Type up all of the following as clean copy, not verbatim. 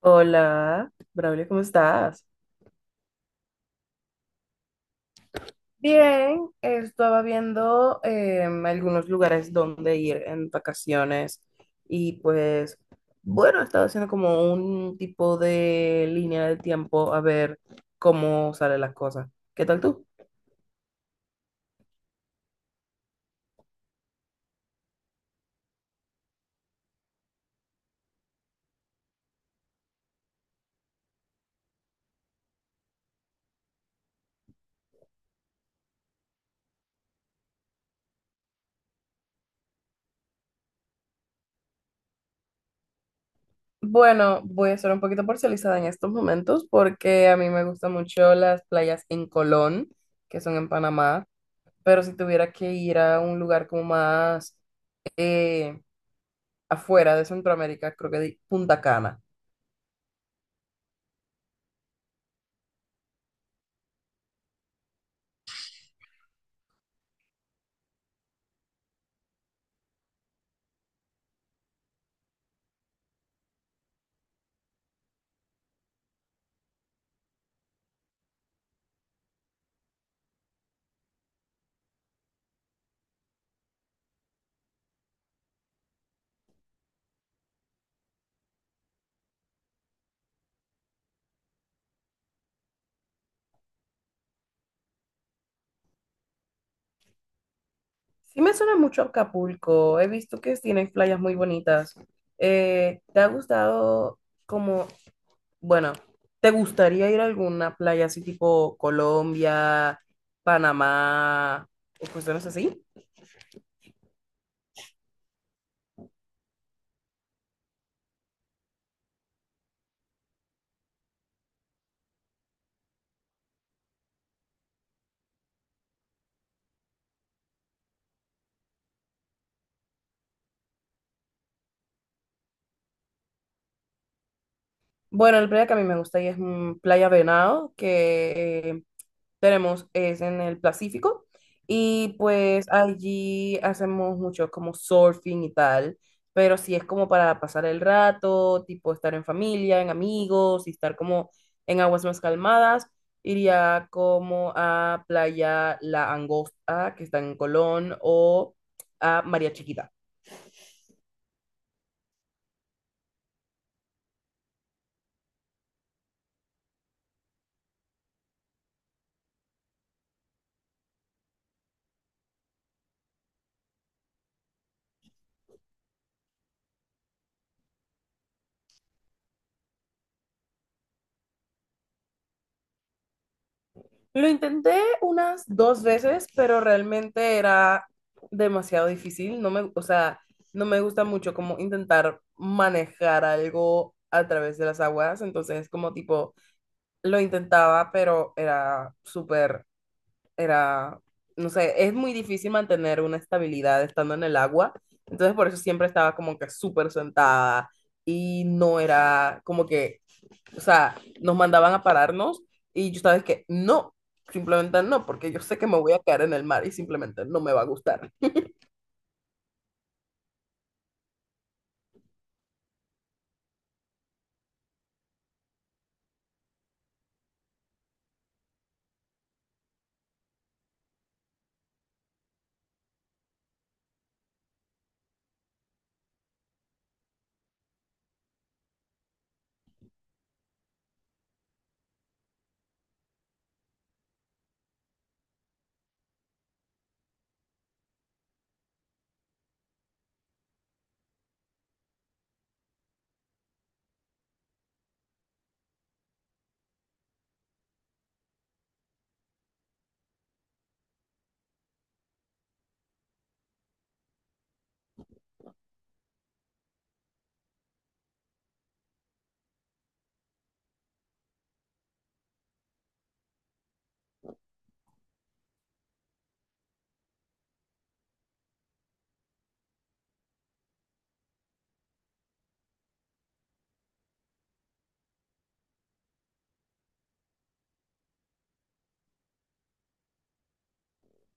Hola, Braulio, ¿cómo estás? Bien, estaba viendo algunos lugares donde ir en vacaciones y pues bueno, estaba haciendo como un tipo de línea de tiempo a ver cómo salen las cosas. ¿Qué tal tú? Bueno, voy a ser un poquito parcializada en estos momentos porque a mí me gustan mucho las playas en Colón, que son en Panamá, pero si tuviera que ir a un lugar como más, eh, afuera de Centroamérica, creo que di Punta Cana. Sí me suena mucho Acapulco, he visto que tienen playas muy bonitas. ¿Te ha gustado como, bueno, te gustaría ir a alguna playa así tipo Colombia, Panamá o cuestiones así? Bueno, la playa que a mí me gusta ahí es mm, Playa Venado, que tenemos es en el Pacífico y pues allí hacemos mucho como surfing y tal, pero sí es como para pasar el rato, tipo estar en familia, en amigos y estar como en aguas más calmadas. Iría como a Playa La Angosta, que está en Colón, o a María Chiquita. Lo intenté unas dos veces, pero realmente era demasiado difícil. No me, o sea, no me gusta mucho como intentar manejar algo a través de las aguas. Entonces, como tipo, lo intentaba, pero era súper, era, no sé, es muy difícil mantener una estabilidad estando en el agua. Entonces, por eso siempre estaba como que súper sentada y no era como que, o sea, nos mandaban a pararnos y yo sabes que no, simplemente no, porque yo sé que me voy a caer en el mar y simplemente no me va a gustar.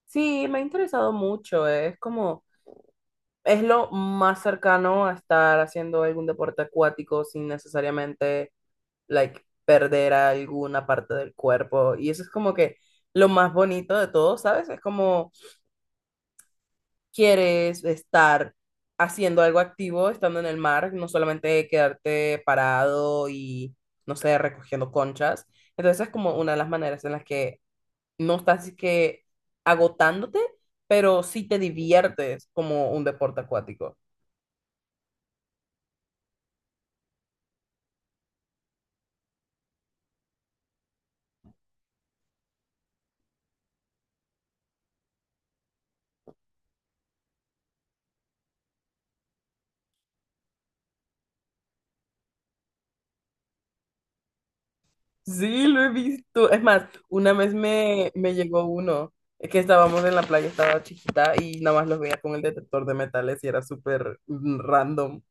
Sí, me ha interesado mucho, es como, es lo más cercano a estar haciendo algún deporte acuático sin necesariamente, like, perder alguna parte del cuerpo. Y eso es como que lo más bonito de todo, ¿sabes? Es como quieres estar haciendo algo activo estando en el mar, no solamente quedarte parado y, no sé, recogiendo conchas. Entonces es como una de las maneras en las que no estás así que agotándote, pero sí te diviertes como un deporte acuático. Sí, lo he visto. Es más, una vez me, me llegó uno, es que estábamos en la playa, estaba chiquita y nada más los veía con el detector de metales y era súper mm, random.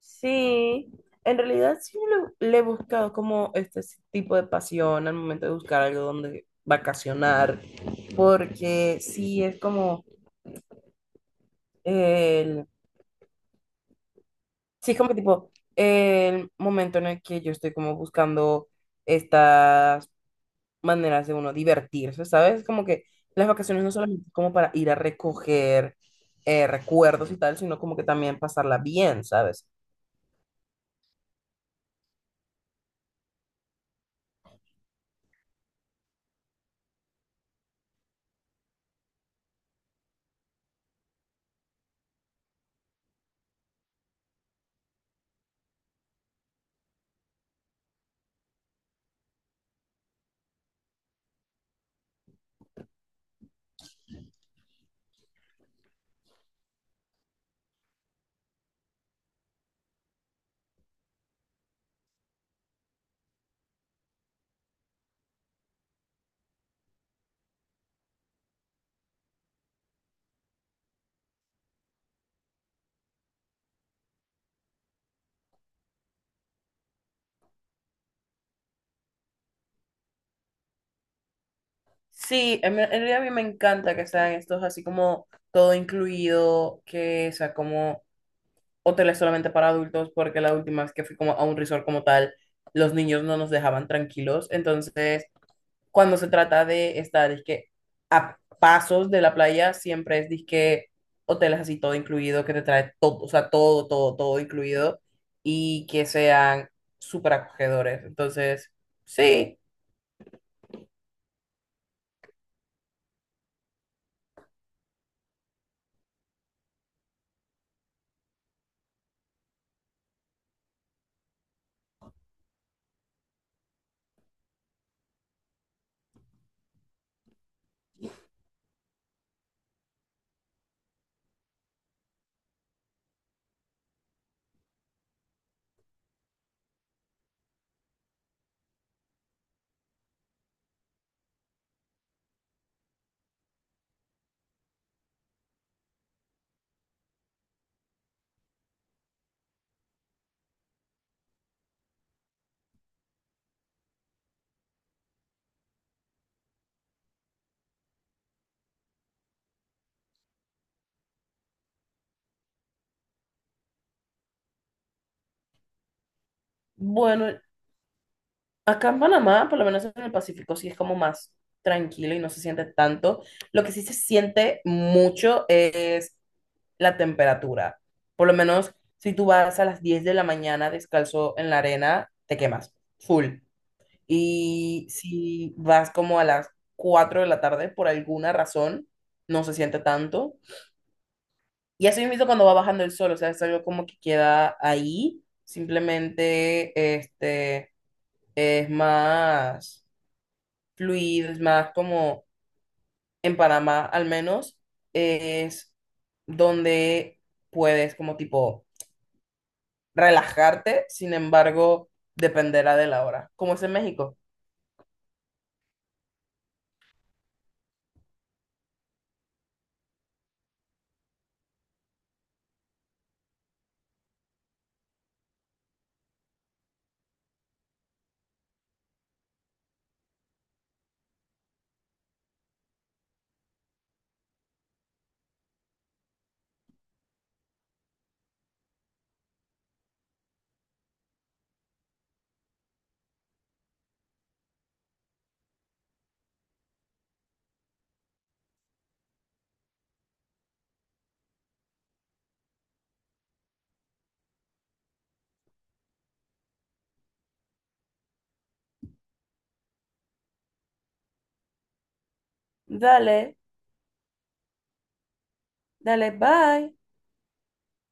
Sí, en realidad sí le he buscado como este tipo de pasión al momento de buscar algo donde vacacionar, porque sí es como el, sí es como tipo el momento en el que yo estoy como buscando estas maneras de uno divertirse, ¿sabes? Como que las vacaciones no solamente es como para ir a recoger recuerdos y tal, sino como que también pasarla bien, ¿sabes? Sí, en realidad a mí me encanta que sean estos así como todo incluido, que sea como hoteles solamente para adultos, porque la última vez que fui como a un resort como tal, los niños no nos dejaban tranquilos. Entonces, cuando se trata de estar, es que a pasos de la playa, siempre es disque hoteles así todo incluido, que te trae todo, o sea, todo, todo, todo incluido, y que sean súper acogedores. Entonces, sí, bueno. Acá en Panamá, por lo menos en el Pacífico, sí es como más tranquilo y no se siente tanto. Lo que sí se siente mucho es la temperatura. Por lo menos si tú vas a las 10 de la mañana descalzo en la arena, te quemas, full. Y si vas como a las 4 de la tarde, por alguna razón, no se siente tanto. Y así mismo cuando va bajando el sol, o sea, es algo como que queda ahí, simplemente este, es más fluidos, más como en Panamá al menos, es donde puedes como tipo relajarte, sin embargo, dependerá de la hora. ¿Cómo es en México? Dale, dale, bye.